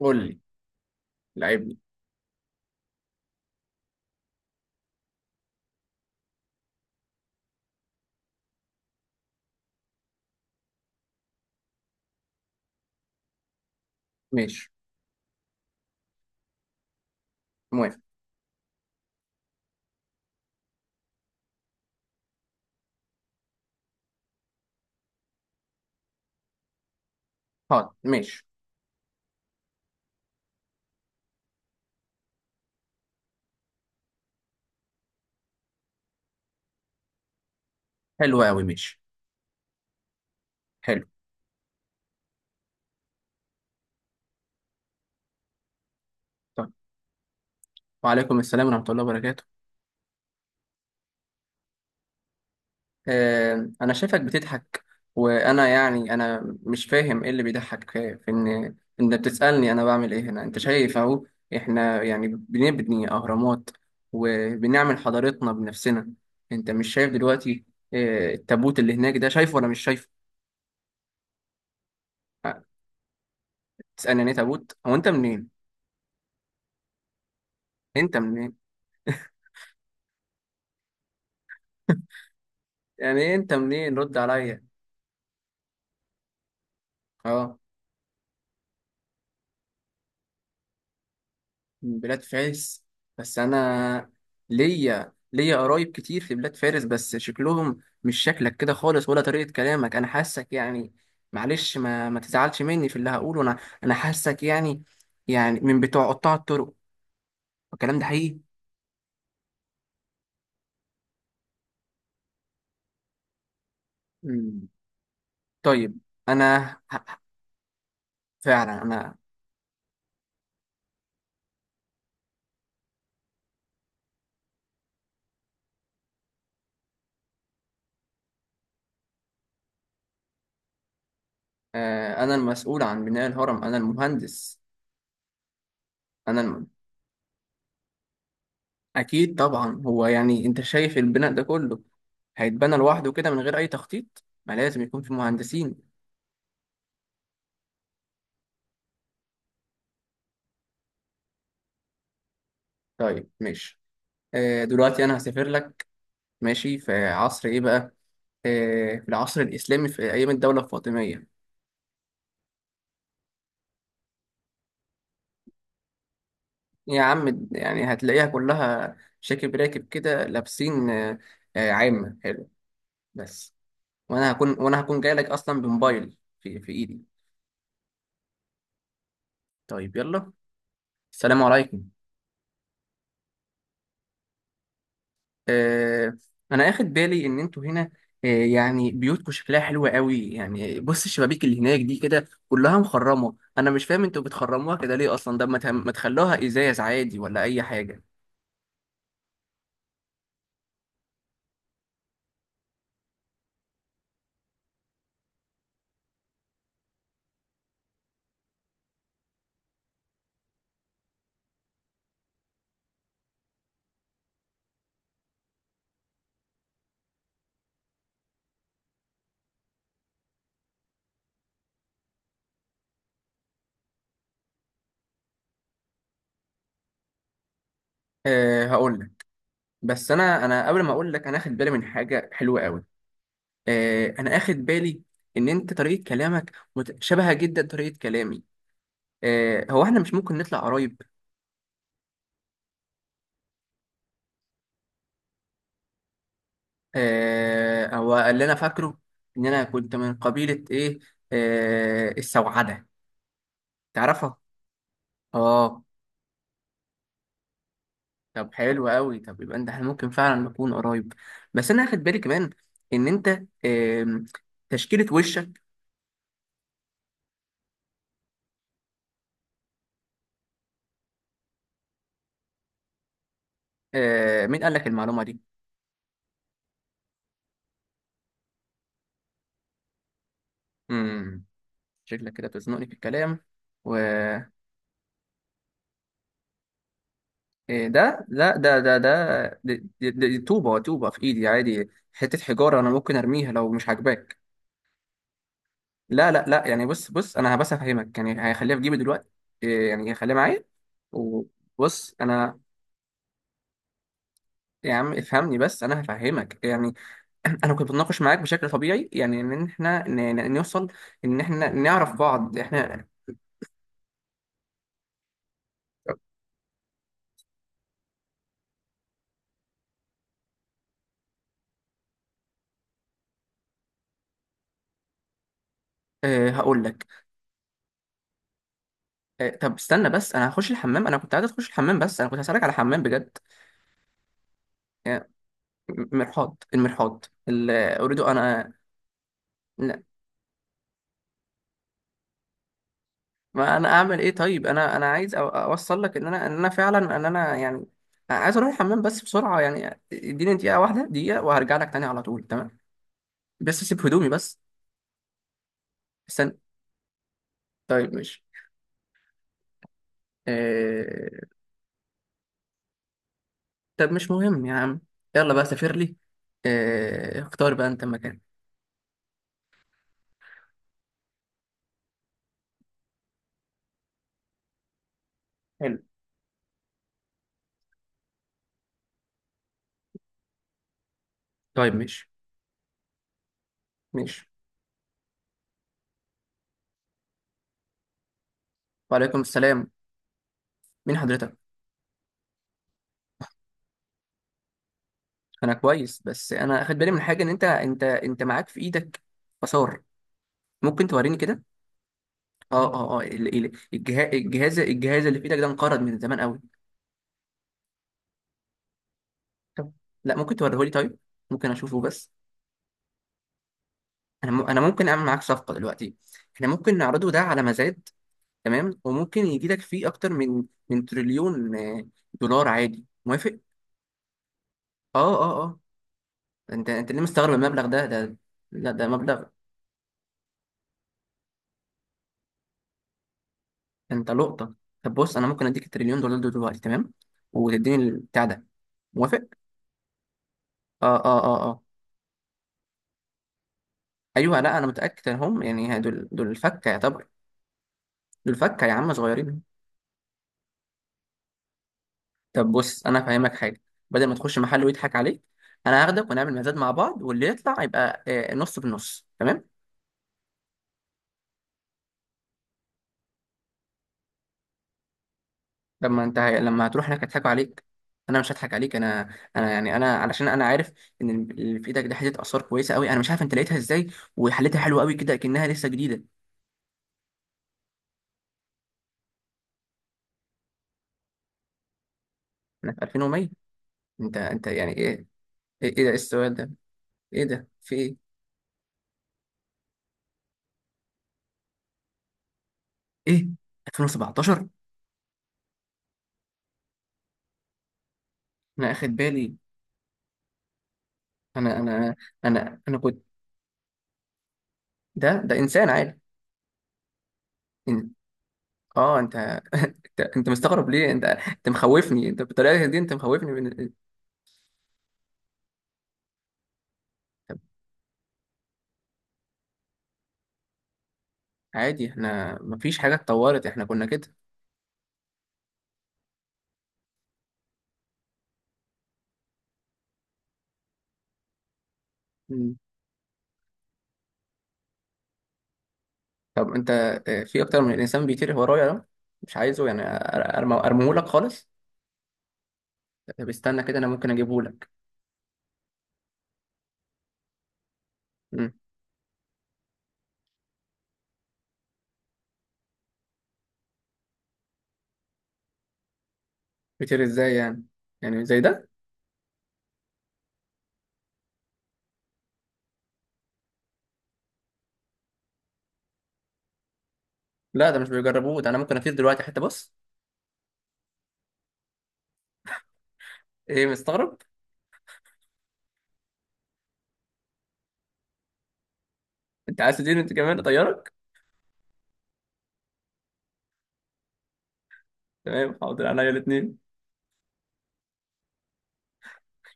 قول لي لعيب لي. ماشي. موافق. حاضر، ماشي. حلو قوي، ماشي. حلو. طيب. وعليكم السلام ورحمة الله وبركاته. آه، أنا شايفك بتضحك. وأنا يعني أنا مش فاهم إيه اللي بيضحك في إن بتسألني أنا بعمل إيه هنا. أنت شايف أهو. إحنا يعني بنبني أهرامات وبنعمل حضارتنا بنفسنا. أنت مش شايف دلوقتي؟ آه التابوت اللي هناك ده، شايفه ولا مش شايفه؟ آه، تسألني يعني إيه تابوت؟ هو أنت منين؟ أنت منين؟ يعني إيه أنت منين؟ رد عليا. أه، من بلاد فارس. بس انا ليا قرايب كتير في بلاد فارس، بس شكلهم مش شكلك كده خالص ولا طريقة كلامك. انا حاسك يعني، معلش ما تزعلش مني في اللي هقوله انا، انا حاسك يعني، يعني من بتوع قطاع الطرق. الكلام ده حقيقي. مم. طيب، انا ه- فعلا انا، انا المسؤول عن بناء الهرم، انا المهندس. انا أكيد طبعا، هو يعني أنت شايف البناء ده كله هيتبنى لوحده كده من غير أي تخطيط؟ ما لازم يكون في مهندسين. طيب ماشي. آه دلوقتي أنا هسافر لك. ماشي، في عصر إيه بقى؟ آه، في العصر الإسلامي في أيام الدولة الفاطمية. يا عم يعني هتلاقيها كلها شاكب راكب كده لابسين آه، آه عامة حلو. بس وأنا هكون، وأنا هكون جاي لك أصلا بموبايل في إيدي. طيب يلا، السلام عليكم. آه، انا اخد بالي ان انتوا هنا. آه، يعني بيوتكم شكلها حلو قوي. يعني بص الشبابيك اللي هناك دي كده كلها مخرمه، انا مش فاهم انتوا بتخرموها كده ليه اصلا. ده ما تخلوها ازاز عادي ولا اي حاجه. أه هقول لك، بس انا قبل ما اقول لك، انا اخد بالي من حاجه حلوه قوي. أه انا اخد بالي ان انت طريقه كلامك شبهه جدا طريقه كلامي. أه هو احنا مش ممكن نطلع قرايب؟ آه، هو اللي انا فاكره ان انا كنت من قبيلة ايه، آه، السوعدة، تعرفها؟ اه. طب حلو قوي، طب يبقى انت احنا ممكن فعلا نكون قرايب. بس انا هاخد بالي كمان ان انت، آم، تشكيلة وشك. آه، مين قال لك المعلومة دي؟ امم شكلك كده بتزنقني في الكلام. و إيه ده؟ لا ده ده ده دي طوبة في ايدي، عادي، حتة حجارة انا ممكن ارميها لو مش عاجباك. لا لا لا، يعني بص بص انا بس افهمك، يعني هيخليها في جيبي دلوقتي. إيه يعني؟ هيخليها معايا. وبص انا. يا عم افهمني بس انا هفهمك يعني. انا كنت بتناقش معاك بشكل طبيعي يعني ان احنا نوصل، ان احنا نعرف بعض احنا. أه هقول لك. أه طب استنى، بس انا هخش الحمام، انا كنت عايز اخش الحمام، بس انا كنت هسألك على حمام بجد. يعني مرحاض، المرحاض، ال- اريد انا. ما انا اعمل ايه طيب؟ انا عايز اوصل لك ان انا ان انا فعلا ان انا يعني عايز اروح الحمام بس بسرعه، يعني اديني دقيقه واحده، دقيقه وهرجع لك تاني على طول، تمام. بس اسيب هدومي بس. استنى. طيب ماشي. آه... طب مش مهم يا عم، يلا بقى سافر لي. آه... اختار بقى انت مكان. حلو. طيب ماشي. ماشي. وعليكم السلام. مين حضرتك؟ انا كويس، بس انا اخد بالي من حاجه ان انت معاك في ايدك آثار. ممكن توريني كده؟ اه اه اه الجهاز اللي في ايدك ده انقرض من زمان قوي. طب لا، ممكن توريهولي طيب، ممكن اشوفه بس. انا ممكن اعمل معاك صفقه دلوقتي. احنا ممكن نعرضه ده على مزاد، تمام، وممكن يجي لك فيه اكتر من من تريليون آه، دولار عادي. موافق؟ اه اه اه. انت ليه مستغرب المبلغ ده؟ لا ده مبلغ. انت لقطه. طب بص، انا ممكن اديك التريليون دولار دول دلوقتي، تمام، وتديني البتاع ده. موافق؟ اه اه اه اه. ايوه لا، انا متاكد انهم يعني دول الفكه يعتبر. دول فكة يا عم، صغيرين. طب بص انا فاهمك حاجه، بدل ما تخش محل ويضحك عليك، انا هاخدك ونعمل مزاد مع بعض، واللي يطلع يبقى آه، نص بالنص، تمام. لما انت لما هتروح هناك هيضحكوا عليك، انا مش هضحك عليك. انا، انا يعني انا علشان انا عارف ان اللي في ايدك ده حته اثار كويسه قوي، انا مش عارف انت لقيتها ازاي، وحلتها حلو قوي كده كانها لسه جديده. انا في 2100. انت يعني ايه؟ ايه؟ إيه ده؟ إيه السؤال ده؟ ايه ده في ايه؟ ايه، 2017؟ انا اخد بالي. انا انا انا كنت. ده انسان عادي. اه انت، انت مستغرب ليه؟ انت مخوفني، انت بالطريقه دي انت مخوفني من... طب عادي، احنا مفيش حاجه اتطورت، احنا كنا كده. مم. طب انت آه، في اكتر من انسان بيطير ورايا ده، مش عايزه يعني، ارميه لك خالص. طب استنى كده، انا ممكن اجيبه لك. بيطير ازاي يعني؟ يعني زي ده. لا ده مش بيجربوه، ده انا ممكن اطير دلوقتي حتى بص. ايه مستغرب؟ انت عايز تطير انت كمان؟ اطيرك. تمام حاضر، انا الاثنين.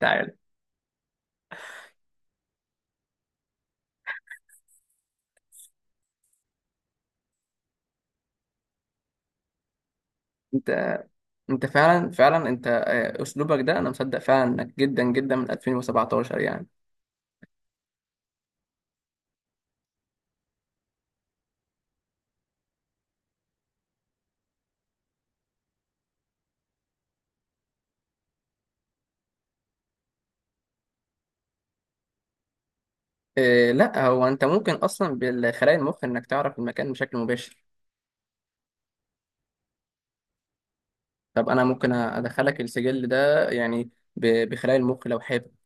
تعال. انت انت فعلا فعلا انت آه، اسلوبك ده انا مصدق فعلا انك جدا جدا من 2017 يعني. إيه، لا هو انت ممكن اصلا بالخلايا المخ انك تعرف المكان بشكل مباشر. طب انا ممكن ادخلك السجل ده يعني بخلايا المخ لو حابب.